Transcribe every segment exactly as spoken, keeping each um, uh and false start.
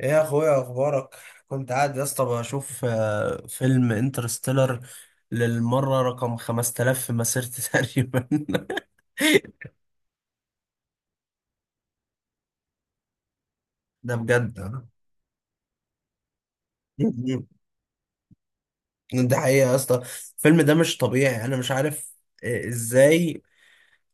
ايه يا اخويا اخبارك؟ كنت قاعد يا اسطى بشوف آه، فيلم انترستيلر للمره رقم خمس تلاف في مسيرتي تقريبا. ده بجد، ده حقيقه يا اسطى. الفيلم ده مش طبيعي، انا مش عارف آه، ازاي.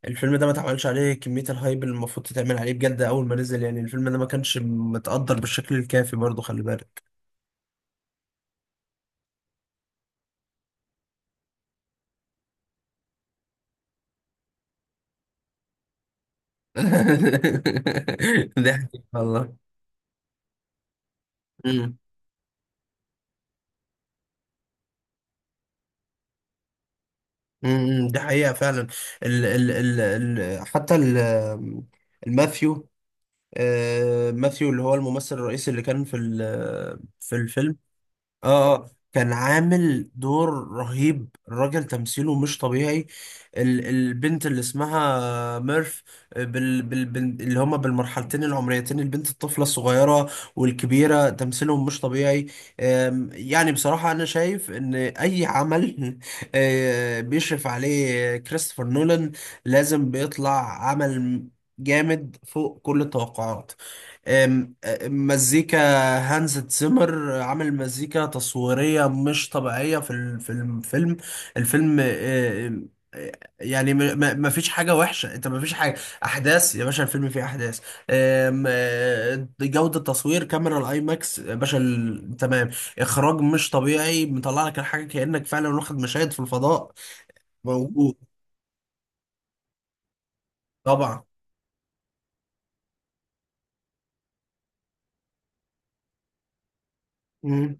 الفيلم ده ما اتعملش عليه كميه الهايب اللي المفروض تتعمل عليه بجد اول ما نزل. يعني الفيلم ده ما كانش متقدر بالشكل الكافي برضه، خلي بالك. ده حقيقة والله. امم ده حقيقة فعلا. ال ال ال ال حتى ال الماثيو. آه ماثيو اللي هو الممثل الرئيسي اللي كان في ال- في الفيلم. اه آه. كان عامل دور رهيب، الراجل تمثيله مش طبيعي. ال- البنت اللي اسمها ميرف، آه، بال بال بال- اللي هما بالمرحلتين العمريتين، البنت الطفلة الصغيرة والكبيرة تمثيلهم مش طبيعي. آم، يعني بصراحة أنا شايف إن أي عمل آه، بيشرف عليه كريستوفر نولان لازم بيطلع عمل جامد فوق كل التوقعات. أم- مزيكا. هانز تزيمر عامل مزيكا تصويرية مش طبيعية في ال- في الفيلم. الفيلم أم، يعني ما ما- ما فيش حاجة وحشة، انت ما فيش حاجة. احداث يا باشا، الفيلم فيه احداث. أم، أه، جودة تصوير كاميرا الاي ماكس يا باشا ال- تمام. اخراج مش طبيعي، مطلع لك الحاجة كأنك فعلا واخد مشاهد في الفضاء موجود. طبعا. مم.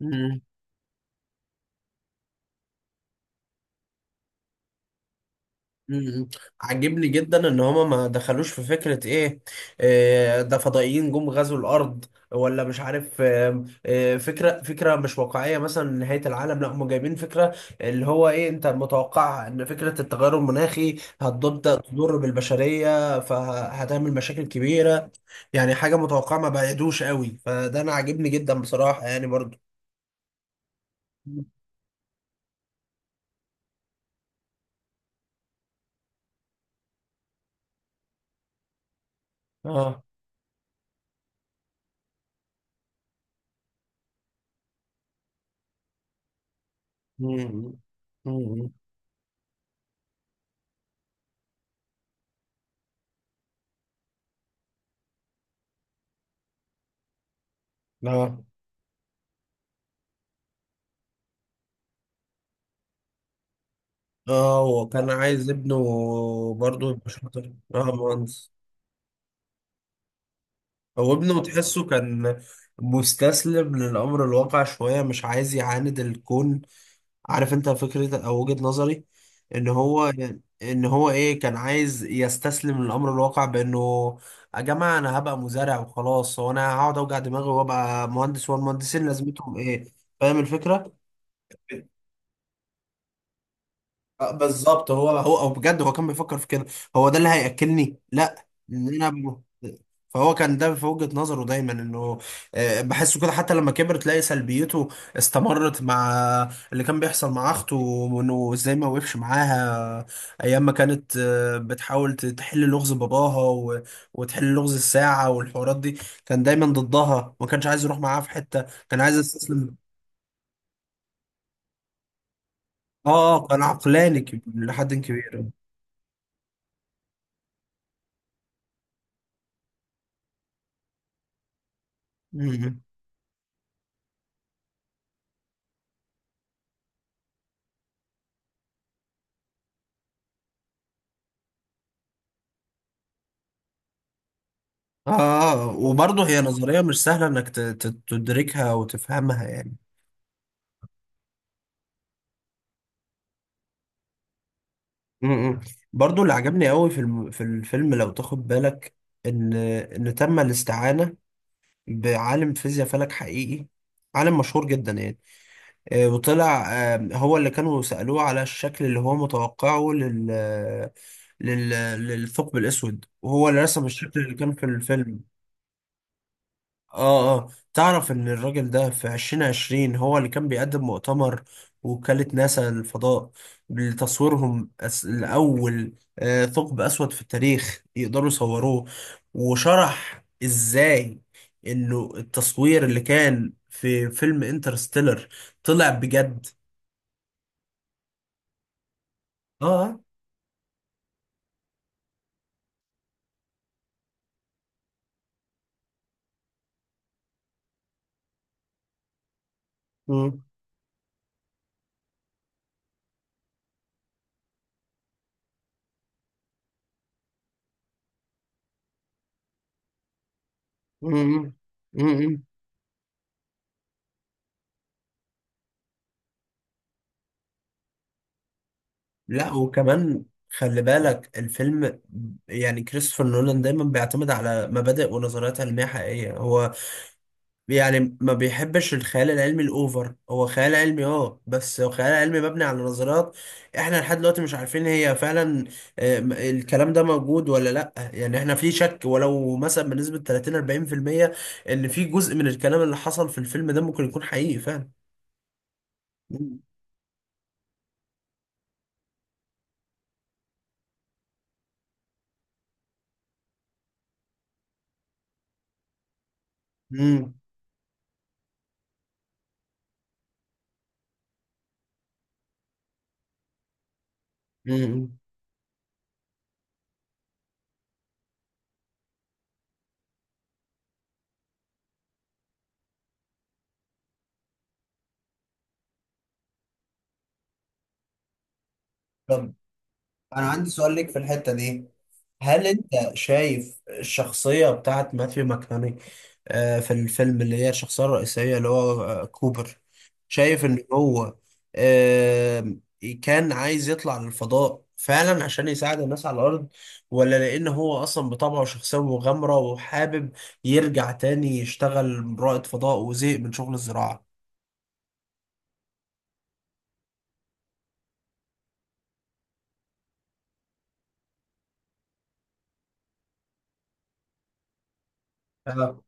مم. مم. عاجبني جدا ان هما ما دخلوش في فكرة ايه، آه، ده فضائيين جم غزوا الارض ولا مش عارف، آه، آه، فكرة فكرة مش واقعية، مثلا نهاية العالم. لا، هما جايبين فكرة اللي هو ايه، انت متوقعها، ان فكرة التغير المناخي هتبدأ تضر بالبشرية فهتعمل مشاكل كبيرة، يعني حاجة متوقعة ما بعيدوش قوي، فده انا عاجبني جدا بصراحة يعني برضو. اه. مم. مم. اه، اه، هو كان عايز ابنه برضه يبقى شاطر، اه مهندس. هو ابنه تحسه كان مستسلم للأمر الواقع شوية، مش عايز يعاند الكون. عارف انت فكرة او وجهة نظري، ان هو ان هو ايه، كان عايز يستسلم للأمر الواقع بانه: يا جماعة انا هبقى مزارع وخلاص، هو انا هقعد اوجع دماغي وابقى مهندس؟ والمهندسين لازمتهم ايه؟ فاهم الفكرة؟ آه، بالظبط، هو هو او بجد هو كان بيفكر في كده. هو ده اللي هياكلني، لا، ان انا ب- فهو كان ده في وجهة نظره دايما، انه آه، بحسه كده. حتى لما كبر تلاقي سلبيته استمرت مع اللي كان بيحصل مع اخته، وانه ازاي ما وقفش معاها ايام ما كانت آه، بتحاول ت- تحل لغز باباها و- وتحل لغز الساعة والحوارات دي. كان دايما ضدها، ما كانش عايز يروح معاها في حتة، كان عايز يستسلم. اه، كان عقلاني كب- لحد كبير. م- م. اه، وبرضه هي نظرية مش سهلة انك ت- ت- تدركها وتفهمها يعني. امم برضه اللي عجبني قوي في الم... في الفيلم، لو تاخد بالك، ان ان تم الاستعانة بعالم فيزياء فلك حقيقي، عالم مشهور جدا يعني. آه، وطلع آه، هو اللي كانوا سألوه على الشكل اللي هو متوقعه لل لل... للثقب الأسود، وهو اللي رسم الشكل اللي كان في الفيلم. اه، اه، تعرف ان الراجل ده في عشرين عشرين هو اللي كان بيقدم مؤتمر وكالة ناسا للفضاء لتصويرهم أس... الأول آه ثقب أسود في التاريخ يقدروا يصوروه. وشرح ازاي انه التصوير اللي كان في فيلم انترستيلر طلع بجد. اه آه. مم. مم. مم. لا، وكمان خلي بالك الفيلم، يعني كريستوفر نولان دايما بيعتمد على مبادئ ونظريات علمية حقيقية. هو يعني ما بيحبش الخيال العلمي الأوفر، هو خيال علمي، اه بس هو خيال علمي مبني على نظريات احنا لحد دلوقتي مش عارفين هي فعلا آه، م- الكلام ده موجود ولا لأ. يعني احنا في شك، ولو مثلا بنسبة تلاتين اربعين في المية، ان في جزء من الكلام اللي حصل في الفيلم ده ممكن يكون حقيقي فعلا. مم. مم. مم. طب، أنا عندي سؤال ليك في الحتة دي. هل انت شايف الشخصية بتاعت ماثيو ماكناني آه، في الفيلم، اللي هي الشخصية الرئيسية، اللي هو آه، كوبر، شايف ان هو آه، كان عايز يطلع للفضاء فعلا عشان يساعد الناس على الأرض، ولا لأن هو أصلا بطبعه شخصية مغامرة وحابب يرجع تاني يشتغل رائد فضاء وزهق من شغل الزراعة؟ آه.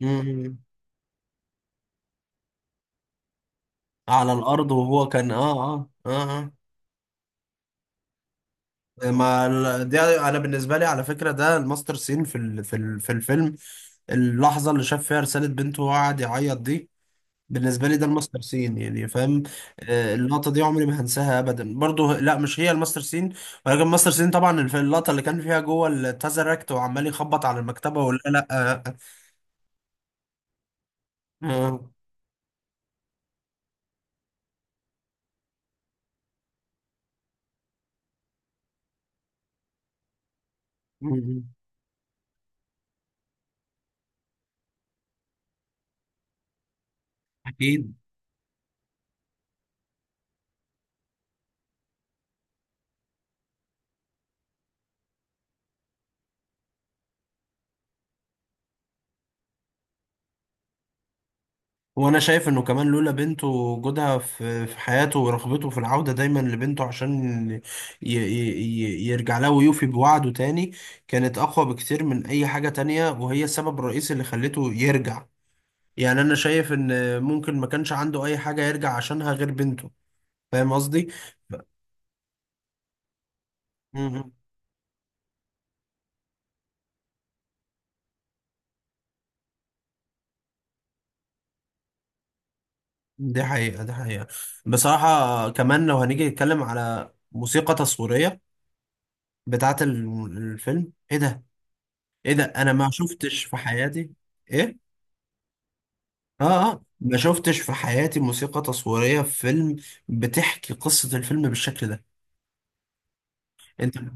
مم. على الأرض وهو كان آه آه آه, آه. ما ال- دي انا بالنسبه لي على فكره ده الماستر سين في ال- في ال- في الفيلم، اللحظه اللي شاف فيها رساله بنته وقعد يعيط دي، بالنسبه لي ده الماستر سين يعني، فاهم؟ آه، اللقطه دي عمري ما هنساها ابدا. برضو لا، مش هي الماستر سين، ولكن الماستر سين طبعا الف- اللقطه اللي كان فيها جوه التازركت وعمال يخبط على المكتبه، ولا لا آه، آه، آه، اكيد. وانا شايف انه كمان لولا بنته، وجودها في في حياته، ورغبته في العودة دايما لبنته، عشان ي ي ي يرجع لها ويوفي بوعده تاني، كانت اقوى بكتير من اي حاجة تانية، وهي السبب الرئيسي اللي خلته يرجع. يعني انا شايف ان ممكن ما كانش عنده اي حاجة يرجع عشانها غير بنته، فاهم قصدي؟ ف- م- م. دي حقيقة، دي حقيقة. بصراحة كمان، لو هنيجي نتكلم على موسيقى تصويرية بتاعت الم- الفيلم، ايه ده؟ ايه ده؟ انا ما شفتش في حياتي. ايه؟ اه، اه، ما شفتش في حياتي موسيقى تصويرية في فيلم بتحكي قصة الفيلم بالشكل ده. انت اه،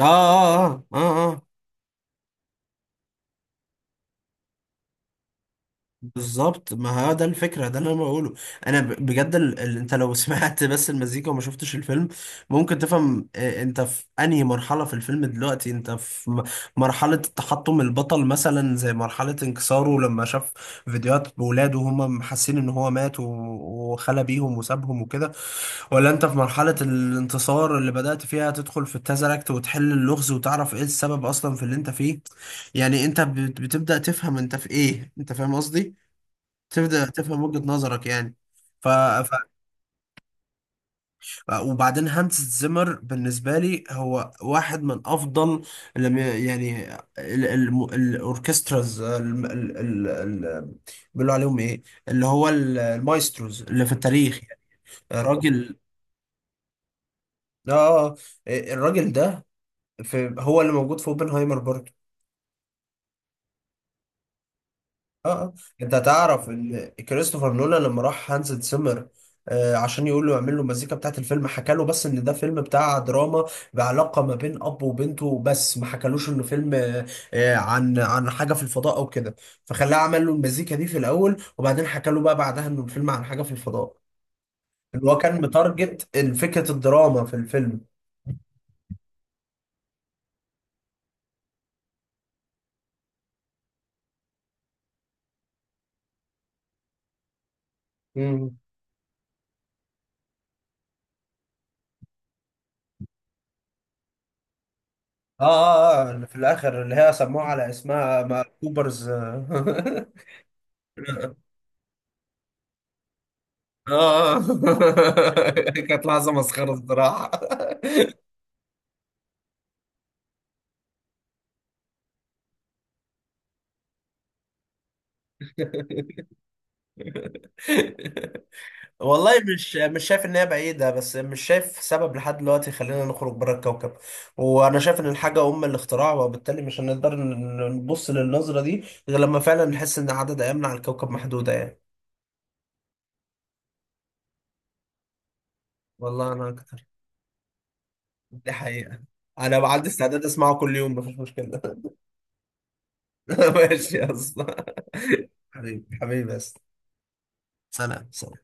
اه، اه، اه. اه بالظبط، ما هو ده الفكرة، ده اللي انا بقوله. انا ب- بجد ال... ال... انت لو سمعت بس المزيكا وما شفتش الفيلم ممكن تفهم آه، انت في انهي مرحلة في الفيلم دلوقتي. انت في م- مرحلة تحطم البطل، مثلا زي مرحلة انكساره لما شاف فيديوهات بولاده وهم حاسين ان هو مات و... وخلى بيهم وسابهم وكده، ولا انت في مرحلة الانتصار اللي بدأت فيها تدخل في التزركت وتحل اللغز وتعرف ايه السبب اصلا في اللي انت فيه. يعني انت بت- بتبدأ تفهم انت في ايه، انت فاهم قصدي؟ تبدأ تفهم وجهة نظرك يعني. ف... ف... وبعدين هانس زيمر بالنسبة لي هو واحد من أفضل، لم ي- يعني ال... ال... الأوركستراز الم- ال... ال... ال... بيقولوا عليهم إيه، اللي هو ال- المايستروز اللي في التاريخ يعني. راجل، آه آه، الراجل ده في هو اللي موجود في اوبنهايمر برضه. اه، اه، انت هتعرف ان كريستوفر نولان لما راح هانز زيمر آه عشان يقول له يعمل له المزيكا بتاعت الفيلم، حكى له بس ان ده فيلم بتاع دراما بعلاقه ما بين اب وبنته، بس ما حكالوش انه فيلم آه آه، عن عن حاجه في الفضاء او كده. فخلاه عمل له المزيكا دي في الاول، وبعدين حكى له بقى بعدها انه الفيلم عن حاجه في الفضاء، اللي هو كان متارجت فكره الدراما في الفيلم. مم. اه، اه، اه، اللي في الاخر اللي هي سموها على اسمها ما- كوبرز. اه. كانت لحظة مسخرة الصراحة. والله، مش مش شايف ان هي بعيدة، بس مش شايف سبب لحد دلوقتي يخلينا نخرج بره الكوكب. وانا شايف ان الحاجة ام الاختراع، وبالتالي مش هنقدر ن- نبص للنظرة دي غير لما فعلا نحس ان عدد ايامنا على الكوكب محدودة يعني. والله انا اكتر. دي حقيقة، انا عندي استعداد اسمعه كل يوم مفيش مشكلة. ماشي يا اسطى. حبيبي حبيبي بس. سلام، سلام.